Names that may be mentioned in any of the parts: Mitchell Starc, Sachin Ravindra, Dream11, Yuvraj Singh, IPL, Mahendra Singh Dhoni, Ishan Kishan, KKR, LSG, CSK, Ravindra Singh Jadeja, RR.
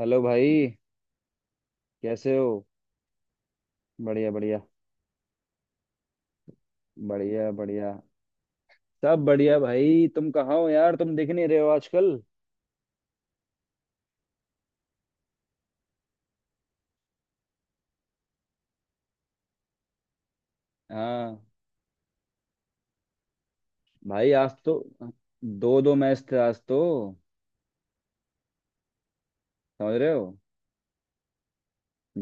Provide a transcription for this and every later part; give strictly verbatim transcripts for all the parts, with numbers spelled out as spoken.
Hello भाई। कैसे हो? बढ़िया बढ़िया। बढ़िया बढ़िया सब बढ़िया भाई। तुम कहाँ हो यार? तुम दिख नहीं रहे हो आजकल। हाँ भाई आज तो दो दो मैच थे आज तो, समझ रहे हो?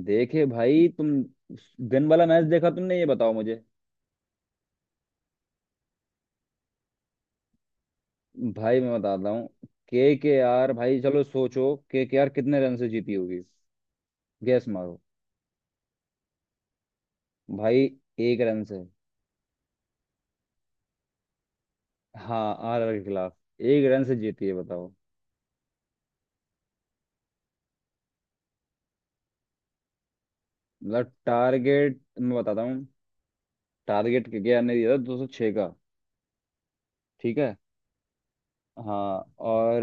देखे भाई तुम, दिन वाला मैच देखा तुमने? ये बताओ मुझे। भाई मैं बताता हूँ, के के आर भाई चलो सोचो के के आर कितने रन से जीती होगी? गैस मारो। भाई एक रन से। हाँ आर आर के खिलाफ एक रन से जीती है बताओ। मतलब टारगेट मैं बताता हूँ। टारगेट केकेआर ने दिया था दो सौ छह का। ठीक है? हाँ। और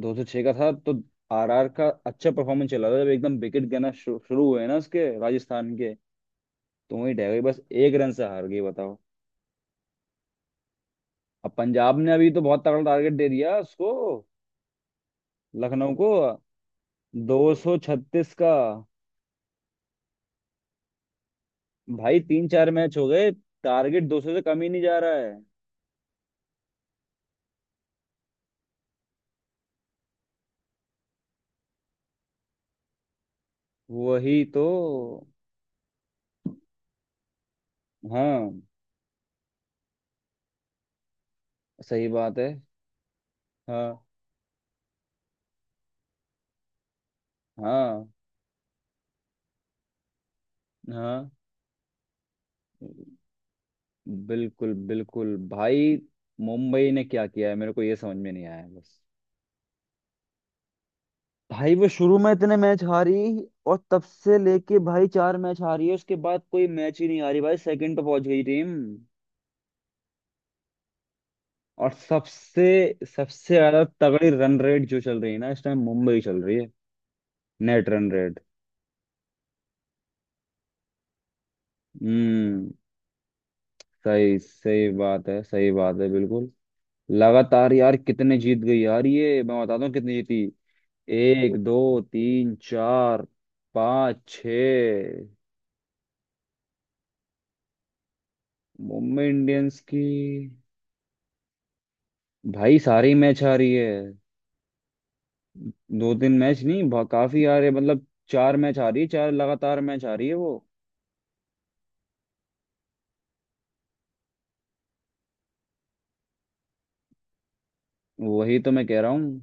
दो सौ छह का था तो आरआर का अच्छा परफॉर्मेंस चला था, जब एकदम विकेट गिरना शु, शुरू हुए ना उसके राजस्थान के, तो वहीं ढह गई, बस एक रन से हार गई बताओ। अब पंजाब ने अभी तो बहुत तगड़ा टारगेट दे दिया उसको, लखनऊ को, दो सौ छत्तीस का। भाई तीन चार मैच हो गए, टारगेट दो सौ से कम ही नहीं जा रहा है। वही तो। हाँ। सही बात है। हाँ हाँ हाँ। बिल्कुल बिल्कुल भाई। मुंबई ने क्या किया है मेरे को ये समझ में नहीं आया बस। भाई वो शुरू में इतने मैच हारी, और तब से लेके भाई चार मैच हारी है, उसके बाद कोई मैच ही नहीं हारी भाई, सेकंड पे पहुंच गई टीम। और सबसे सबसे ज्यादा तगड़ी रन रेट जो चल रही है ना इस टाइम, मुंबई चल रही है। Net run rate. हम्म। सही सही बात है। सही बात है बिल्कुल। लगातार यार कितने जीत गई यार, ये मैं बताता हूँ कितनी जीती। एक दो तीन चार पाँच छ। मुंबई इंडियंस की। भाई सारी मैच आ रही है। दो तीन मैच नहीं बा- काफी आ रहे, मतलब चार मैच आ रही है, चार लगातार मैच आ रही है वो। वही तो मैं कह रहा हूँ।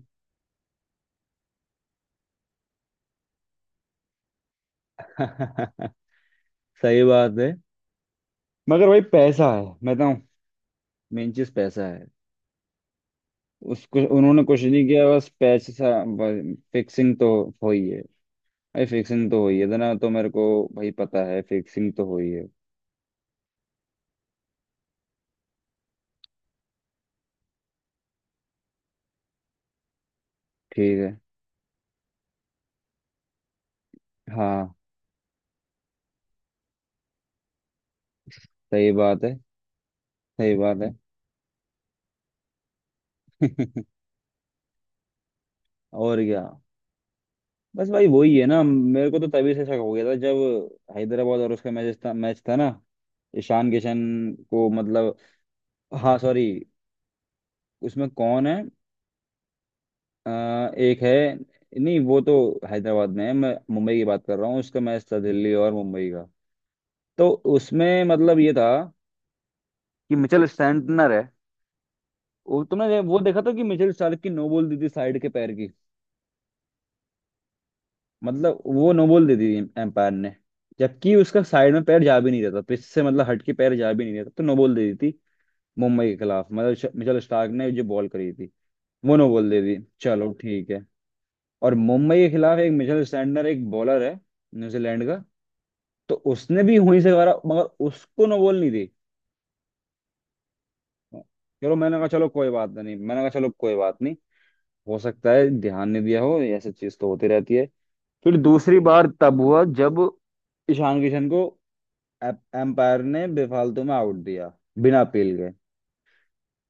सही बात है। मगर भाई पैसा है मैं बताऊँ, मेन चीज पैसा है। उसको उन्होंने कुछ नहीं किया, बस पैसा। फिक्सिंग तो हुई है। भाई फिक्सिंग तो हुई है ना, तो मेरे को भाई पता है फिक्सिंग तो हुई है। ठीक है। हाँ। सही बात है। सही बात है। और क्या। बस भाई वही है ना, मेरे को तो तभी से शक हो गया था जब हैदराबाद और उसका मैच था, मैच था ना। ईशान किशन को मतलब, हाँ सॉरी, उसमें कौन है अ, एक है? नहीं वो तो हैदराबाद में है, मैं मुंबई की बात कर रहा हूँ। उसका मैच था दिल्ली और मुंबई का, तो उसमें मतलब ये था कि मिचेल स्टैंटनर है। वो तुमने वो देखा था कि मिचेल स्टार्क की नो बॉल दी थी साइड के पैर की? मतलब वो नो बॉल दे दी एम्पायर ने, जबकि उसका साइड में पैर जा भी नहीं रहता पिच से, मतलब हट के पैर जा भी नहीं रहता, तो नो बॉल दे दी थी मुंबई के खिलाफ। मतलब श- मिचेल स्टार्क ने जो बॉल करी थी, वो नो बॉल दे दी। चलो ठीक है। और मुंबई के खिलाफ एक मिचेल स्टैंडर एक बॉलर है न्यूजीलैंड का, तो उसने भी वहीं से मारा मगर उसको नो बॉल नहीं दी। चलो मैंने कहा चलो कोई बात नहीं, मैंने कहा चलो कोई बात नहीं, हो सकता है ध्यान नहीं दिया हो, ऐसी चीज तो होती रहती है। फिर दूसरी बार तब हुआ जब ईशान किशन को एप- एम्पायर ने बेफालतू में आउट दिया, बिना अपील के।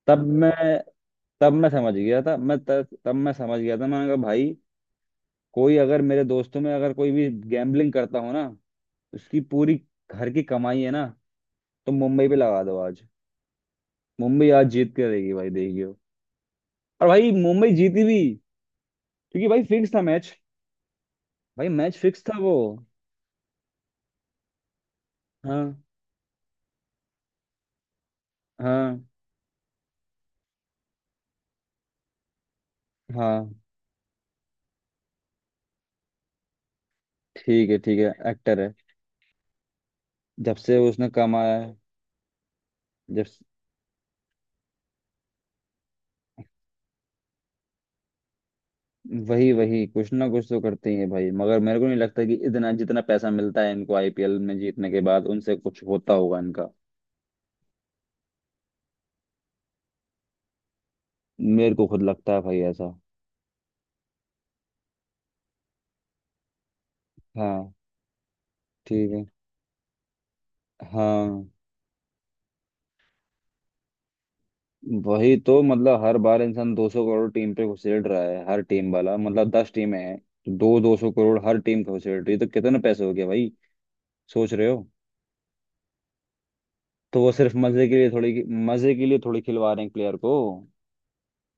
तब मैं तब मैं समझ गया था, मैं तब तब मैं समझ गया था, मैंने कहा भाई, कोई अगर मेरे दोस्तों में अगर कोई भी गैम्बलिंग करता हो ना, उसकी पूरी घर की कमाई है ना, तो मुंबई पे लगा दो आज, मुंबई आज जीत के रहेगी भाई, देखियो। और भाई मुंबई जीती भी, क्योंकि भाई फिक्स था मैच। भाई मैच फिक्स था वो। हाँ हाँ हाँ। ठीक है। ठीक है एक्टर है। जब से उसने कमाया है। जब वही वही कुछ ना कुछ तो करते ही है भाई, मगर मेरे को नहीं लगता कि इतना जितना पैसा मिलता है इनको आईपीएल में जीतने के बाद उनसे कुछ होता होगा इनका। मेरे को खुद लगता है भाई ऐसा। हाँ ठीक है हाँ। वही तो, मतलब हर बार इंसान दो सौ करोड़ टीम पे घुसेड़ रहा है, हर टीम वाला, मतलब दस टीमें हैं तो दो दो सौ करोड़ हर टीम को घुसेड़ रही है, तो कितने पैसे हो गए भाई, सोच रहे हो। तो वो सिर्फ मजे के लिए थोड़ी, मजे के लिए थोड़ी खिलवा रहे हैं प्लेयर को,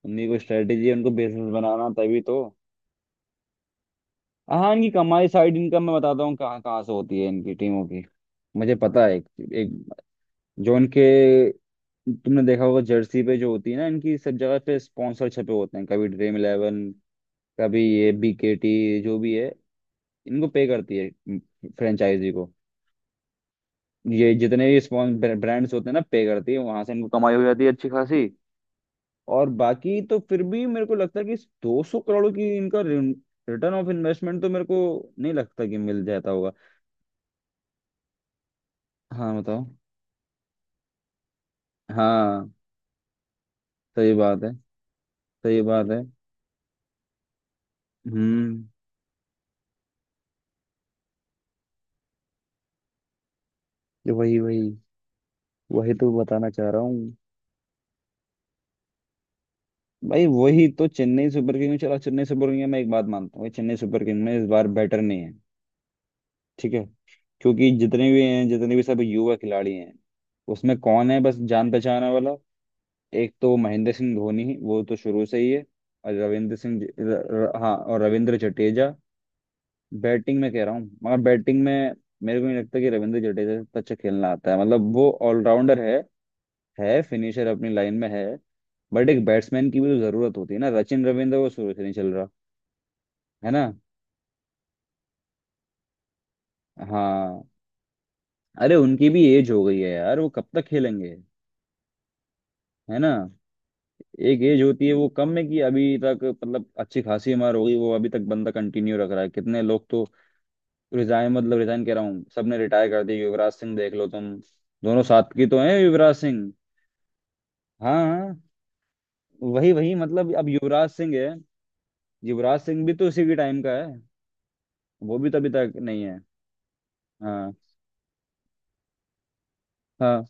उन्हीं को स्ट्रेटेजी, उनको बिजनेस बनाना, तभी तो। हाँ इनकी कमाई साइड इनकम मैं बताता हूँ कहाँ कहाँ से होती है इनकी टीमों की। मुझे पता है एक, एक जो इनके, तुमने देखा होगा जर्सी पे जो होती है ना इनकी, सब जगह पे स्पॉन्सर छपे होते हैं, कभी ड्रीम इलेवन, कभी ये बीकेटी, जो भी है इनको पे करती है फ्रेंचाइजी को। ये जितने भी स्पॉन्सर ब्रांड्स होते हैं ना पे करती है, वहां से इनको कमाई हो जाती है अच्छी खासी। और बाकी तो फिर भी मेरे को लगता है कि दो सौ करोड़ की, इनका रिटर्न ऑफ इन्वेस्टमेंट तो मेरे को नहीं लगता कि मिल जाता होगा। हाँ बताओ। हाँ। सही बात है। सही बात है। हम्म। ये वही वही, वही तो बताना चाह रहा हूँ। भाई वही तो चेन्नई सुपर किंग चला, चेन्नई सुपर किंग में मैं एक बात मानता हूँ, चेन्नई सुपर किंग में इस बार बैटर नहीं है। ठीक है? क्योंकि जितने भी हैं, जितने भी सब युवा खिलाड़ी हैं, उसमें कौन है बस जान पहचान वाला, एक तो महेंद्र सिंह धोनी, वो तो शुरू से ही है, और रविंद्र सिंह ज- र, र, हाँ और रविंद्र जडेजा। बैटिंग में कह रहा हूँ मगर, बैटिंग में मेरे को नहीं लगता कि रविंद्र जडेजा से इतना अच्छा खेलना आता है, मतलब वो ऑलराउंडर है है फिनिशर अपनी लाइन में है, बट एक बैट्समैन की भी तो जरूरत होती है ना। सचिन रविंद्र वो शुरू से नहीं चल रहा। है ना? हाँ। अरे उनकी भी एज हो गई है यार, वो कब तक खेलेंगे। है ना, एक एज होती है। वो कम है कि अभी तक, मतलब अच्छी खासी उम्र हो गई, वो अभी तक बंदा कंटिन्यू रख रहा है। कितने लोग तो रिजाइन, मतलब रिजाइन कह रहा हूँ, सबने रिटायर कर दिया, युवराज सिंह देख लो तुम, दोनों साथ की तो हैं युवराज सिंह। हाँ हाँ। वही वही, मतलब अब युवराज सिंह है, युवराज सिंह भी तो उसी के टाइम का है, वो भी तो अभी तक नहीं है। हाँ हाँ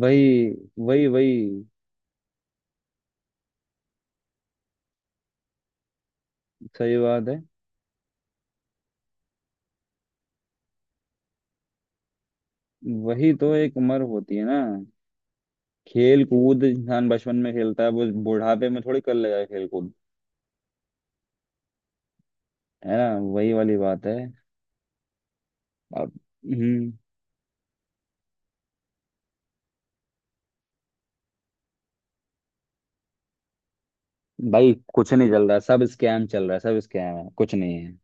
वही वही वही। सही बात है। वही तो एक उम्र होती है ना। खेल कूद इंसान बचपन में खेलता है, वो बुढ़ापे में थोड़ी कर लेगा खेल कूद। है ना? वही वाली बात है। अब। हम्म। भाई कुछ नहीं चल रहा, सब स्कैम चल रहा है, सब स्कैम है कुछ नहीं है।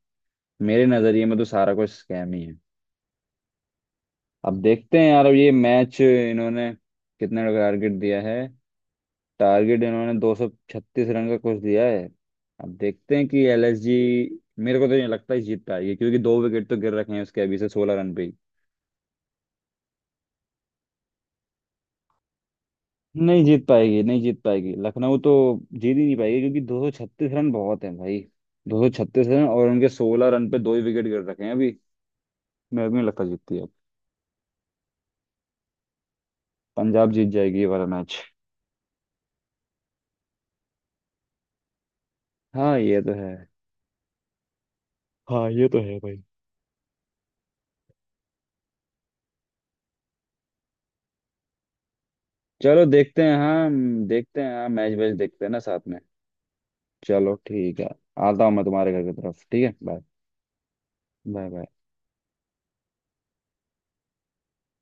मेरे नजरिए में तो सारा कुछ स्कैम ही है। अब देखते हैं यार, अब ये मैच इन्होंने कितने टारगेट दिया है, टारगेट इन्होंने दो सौ छत्तीस रन का कुछ दिया है। अब देखते हैं कि एलएसजी, मेरे को तो नहीं लगता है जीत पाएगी, क्योंकि दो विकेट तो गिर रखे हैं उसके अभी से सोलह रन पे ही। नहीं जीत पाएगी, नहीं जीत पाएगी लखनऊ तो, जीत ही नहीं पाएगी, क्योंकि दो सौ छत्तीस रन बहुत हैं भाई। दो सौ छत्तीस रन, और उनके सोलह रन पे दो ही विकेट गिर रखे हैं अभी, मेरे को नहीं लगता जीतती है। पंजाब जीत जाएगी ये वाला मैच। हाँ ये तो है। हाँ ये तो है भाई। चलो देखते हैं। हाँ हम देखते हैं। हाँ मैच वैच देखते हैं ना साथ में। चलो ठीक है। आता हूँ मैं तुम्हारे घर की तरफ। ठीक है? बाय। Bye bye.